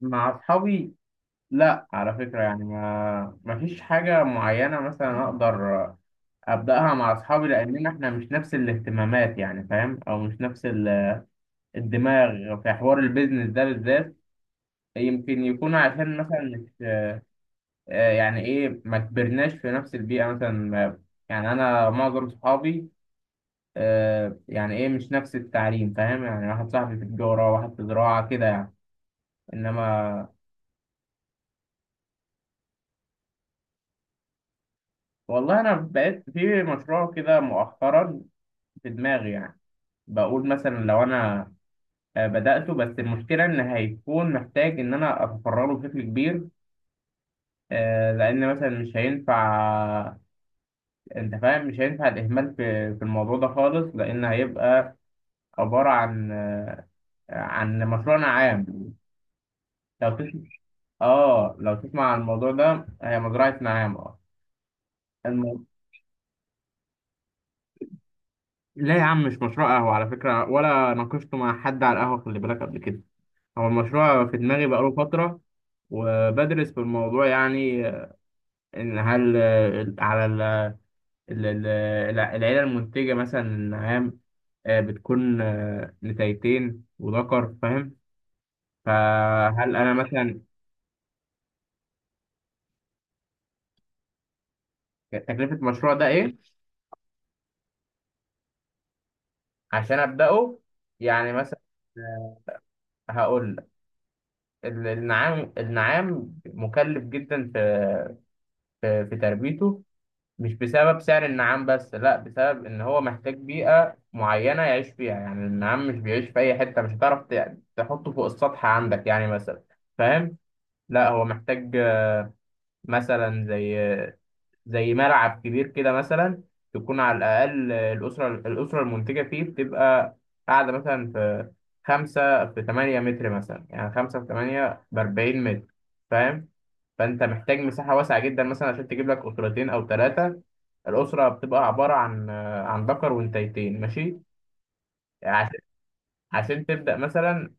مع اصحابي. لا على فكره، يعني ما فيش حاجه معينه مثلا اقدر ابداها مع اصحابي، لاننا احنا مش نفس الاهتمامات يعني فاهم، او مش نفس الدماغ في حوار البيزنس ده بالذات. يمكن يكون عشان مثلا مش يعني ايه ما كبرناش في نفس البيئه مثلا يعني انا معظم صحابي يعني ايه مش نفس التعليم، فاهم؟ يعني واحد صاحبي في تجاره، واحد في زراعه كده يعني. انما والله انا بقيت في مشروع كده مؤخرا في دماغي يعني. بقول مثلا لو انا بدأته، بس المشكلة ان هيكون محتاج ان انا افرغه بشكل كبير، لان مثلا مش هينفع. انت فاهم، مش هينفع الاهمال في الموضوع ده خالص، لان هيبقى عبارة عن عن مشروعنا عام. لو تسمع، اه لو تسمع عن الموضوع ده، هي مزرعة نعام اه. الم... لا يا عم، مش مشروع قهوة على فكرة، ولا ناقشته مع حد على القهوة، خلي بالك، قبل كده. هو المشروع في دماغي بقاله فترة وبدرس في الموضوع يعني. إن هل على ال- ال- العيلة المنتجة مثلا النعام بتكون نتايتين وذكر، فاهم؟ فهل أنا مثلا؟ تكلفة المشروع ده إيه؟ عشان أبدأه يعني مثلا آه، هقول لك، النعام مكلف جدا في في تربيته، مش بسبب سعر النعام بس، لا بسبب ان هو محتاج بيئة معينة يعيش فيها. يعني النعام مش بيعيش في اي حتة. مش هتعرف تحطه فوق السطح عندك يعني مثلا، فاهم؟ لا هو محتاج مثلا زي زي ملعب كبير كده مثلا، تكون على الأقل الأسرة المنتجة فيه بتبقى قاعدة مثلا في خمسة في تمانية متر مثلا، يعني خمسة في تمانية بأربعين متر، فاهم؟ فأنت محتاج مساحة واسعة جدا مثلا عشان تجيب لك أسرتين أو ثلاثة. الأسرة بتبقى عبارة عن عن ذكر وانتيتين، ماشي؟ عشان عشان تبدأ مثلا،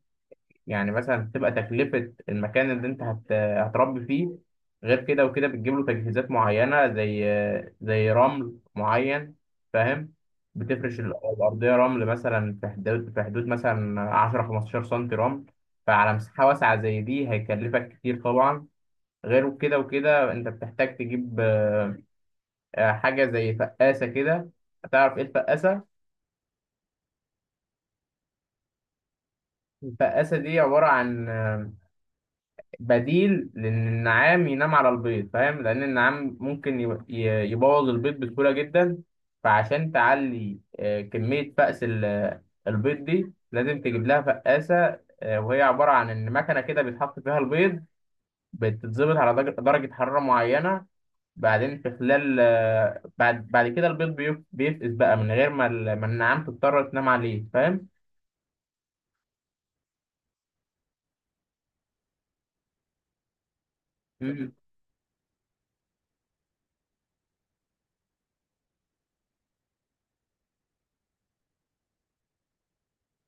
يعني مثلا تبقى تكلفة المكان اللي انت هتربي فيه، غير كده وكده بتجيب له تجهيزات معينة زي زي رمل معين، فاهم؟ بتفرش الأرضية رمل مثلا في حدود مثلا 10 15 سنتي رمل. فعلى مساحة واسعة زي دي هيكلفك كتير طبعا. غير كده وكده انت بتحتاج تجيب حاجة زي فقاسة كده. هتعرف ايه الفقاسة؟ الفقاسة دي عبارة عن بديل لان النعام ينام على البيض، فاهم؟ لان النعام ممكن يبوظ البيض بسهوله جدا. فعشان تعلي كميه فأس البيض دي، لازم تجيب لها فقاسه وهي عباره عن ان مكنه كده بيتحط فيها البيض، بتتظبط على درجة حراره معينه. بعدين في خلال بعد كده البيض بيفقس بقى من غير ما ما النعام تضطر تنام عليه، فاهم؟ مم.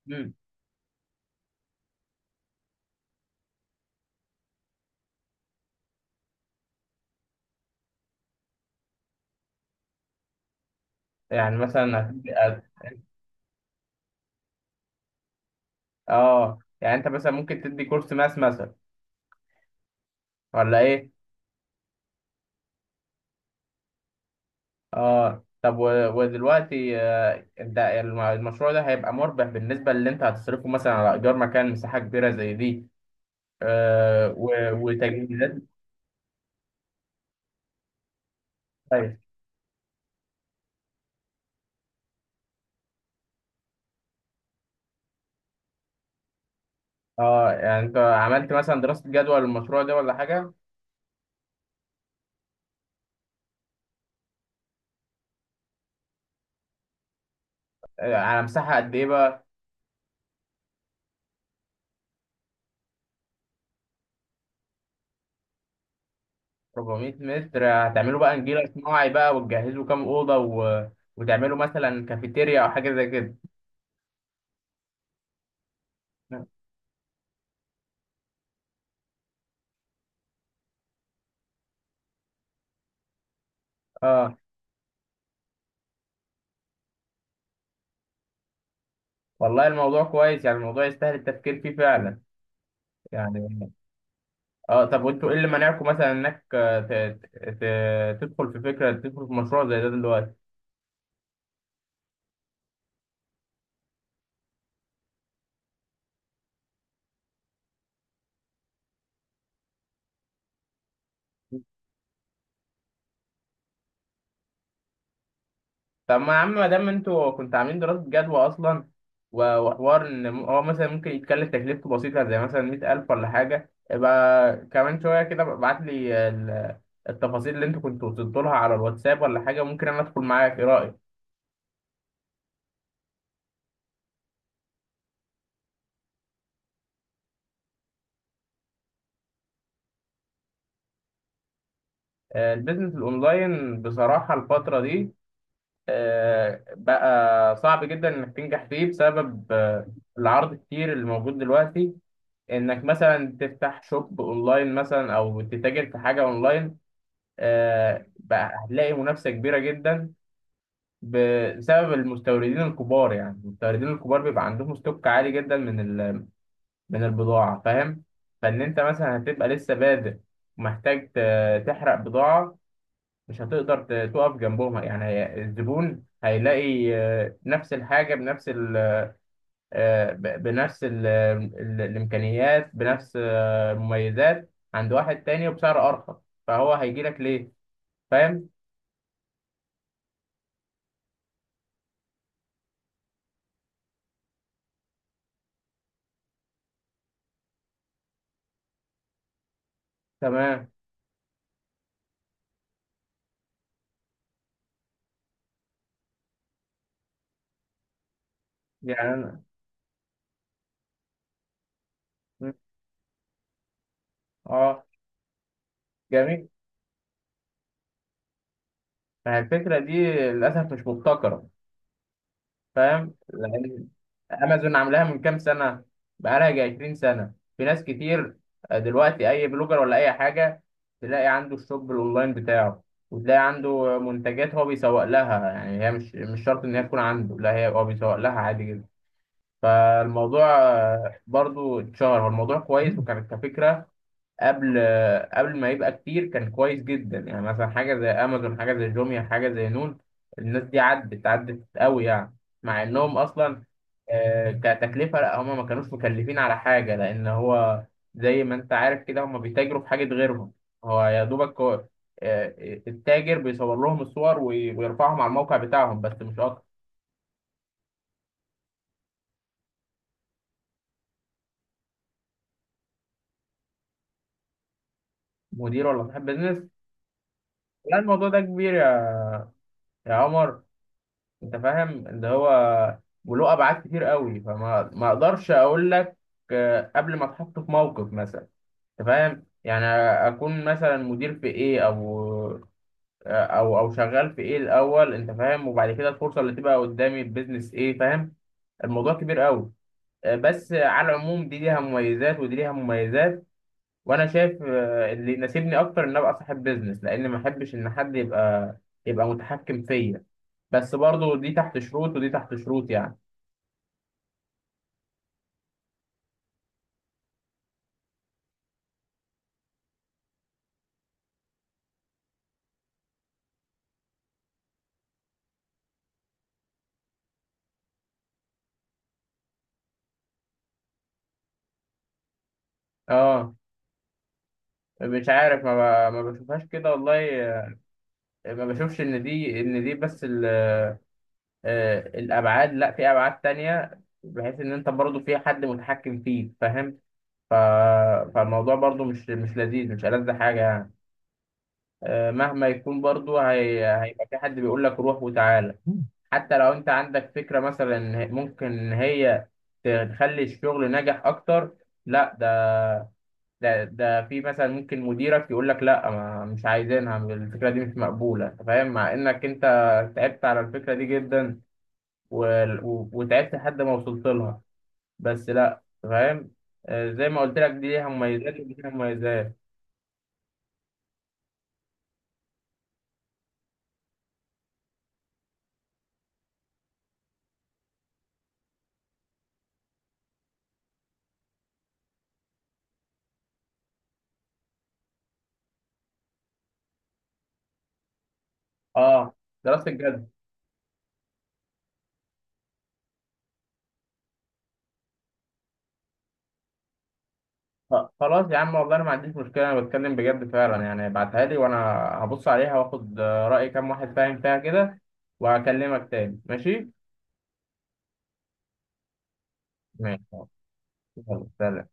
مم. يعني مثلا اه يعني انت مثلا ممكن تدي كورس ماس مثلا، ولا ايه؟ اه طب ودلوقتي انت المشروع ده هيبقى مربح بالنسبه اللي انت هتصرفه، مثلا على ايجار مكان مساحه كبيره زي دي وتجهيزات؟ طيب، اه يعني انت عملت مثلا دراسه جدوى للمشروع ده ولا حاجه؟ على مساحه قد ايه بقى؟ 400 متر. هتعملوا بقى نجيل صناعي بقى، وتجهزوا كام اوضه وتعملوا مثلا كافيتيريا او حاجه زي كده؟ اه. والله الموضوع كويس يعني، الموضوع يستاهل التفكير فيه فعلا يعني. اه طب وانتوا ايه اللي منعكم مثلا انك تدخل في فكره، تدخل في مشروع زي ده دلوقتي؟ طب ما يا عم، ما دام انتوا كنتوا عاملين دراسه جدوى اصلا وحوار ان هو مثلا ممكن يتكلف تكلفته بسيطه زي مثلا 100,000 ولا حاجه، يبقى كمان شويه كده ابعت لي التفاصيل اللي انتوا كنتوا وصلتوا لها على الواتساب ولا حاجه، ممكن انا ادخل معاك. ايه رايك؟ البيزنس الاونلاين بصراحه الفتره دي بقى صعب جدا انك تنجح فيه بسبب العرض الكتير اللي موجود دلوقتي. انك مثلا تفتح شوب اونلاين مثلا او تتاجر في حاجه اونلاين بقى هتلاقي منافسه كبيره جدا بسبب المستوردين الكبار. يعني المستوردين الكبار بيبقى عندهم ستوك عالي جدا من من البضاعه، فاهم؟ فان انت مثلا هتبقى لسه بادئ ومحتاج تحرق بضاعه، مش هتقدر تقف جنبهم. يعني الزبون هيلاقي نفس الحاجة بنفس بنفس ال الإمكانيات، بنفس المميزات عند واحد تاني وبسعر أرخص. فهو هيجي لك ليه؟ فاهم؟ تمام. يعني أنا م- اه جميل. فالفكرة دي للأسف مش مبتكرة، فاهم؟ لان امازون عاملاها من كام سنه، بقالها جاي 20 سنه، في ناس كتير دلوقتي اي بلوجر ولا اي حاجه تلاقي عنده الشوب الاونلاين بتاعه، وتلاقي عنده منتجات هو بيسوق لها. يعني هي مش شرط ان هي تكون عنده، لا هي هو بيسوق لها عادي جدا. فالموضوع برضو اتشهر، هو الموضوع كويس وكانت كفكره قبل قبل ما يبقى كتير كان كويس جدا. يعني مثلا حاجة زي أمازون، حاجة زي جوميا، حاجة زي نون، الناس دي عدت عدت قوي يعني، مع إنهم أصلا كتكلفة لا هما ما كانوش مكلفين على حاجة، لأن هو زي ما أنت عارف كده هما بيتاجروا في حاجة غيرهم. هو يا دوبك هو آه، التاجر بيصور لهم الصور ويرفعهم على الموقع بتاعهم، بس مش أكتر. مدير ولا صاحب بيزنس؟ لا الموضوع ده كبير يا يا عمر. انت فاهم، اللي هو وله ابعاد كتير قوي، فما ما اقدرش اقول لك قبل ما اتحط في موقف مثلا، انت فاهم يعني، اكون مثلا مدير في ايه، او او شغال في ايه الاول، انت فاهم، وبعد كده الفرصه اللي تبقى قدامي البيزنس ايه، فاهم؟ الموضوع كبير قوي. بس على العموم دي ليها مميزات ودي ليها مميزات، وانا شايف اللي يناسبني اكتر ان ابقى صاحب بيزنس، لان ما احبش ان حد يبقى يبقى متحكم فيا. بس برضو دي تحت شروط ودي تحت شروط يعني. اه مش عارف، ما بشوفهاش كده والله. ما بشوفش ان دي ان دي بس الابعاد. لا في ابعاد تانية، بحيث ان انت برضو في حد متحكم فيك، فاهم؟ ف... فالموضوع برضو مش لذيذ، مش ألذ حاجة يعني. مهما يكون برضو هيبقى في حد بيقول لك روح وتعالى، حتى لو انت عندك فكرة مثلا ممكن هي تخلي الشغل ناجح اكتر. لا ده في مثلا ممكن مديرك يقول لك لا، ما مش عايزينها الفكره دي، مش مقبوله، أنت فاهم، مع انك انت تعبت على الفكره دي جدا و... وتعبت لحد ما وصلت لها، بس لا. أنت فاهم، زي ما قلت لك دي ليها مميزات ودي ليها مميزات. اه دراسه الجد. خلاص يا عم، والله انا ما عنديش مشكله، انا بتكلم بجد فعلا يعني. ابعتها لي وانا هبص عليها واخد راي كام واحد فاهم فيها كده، وهكلمك تاني ماشي. ماشي. يلا، سلام.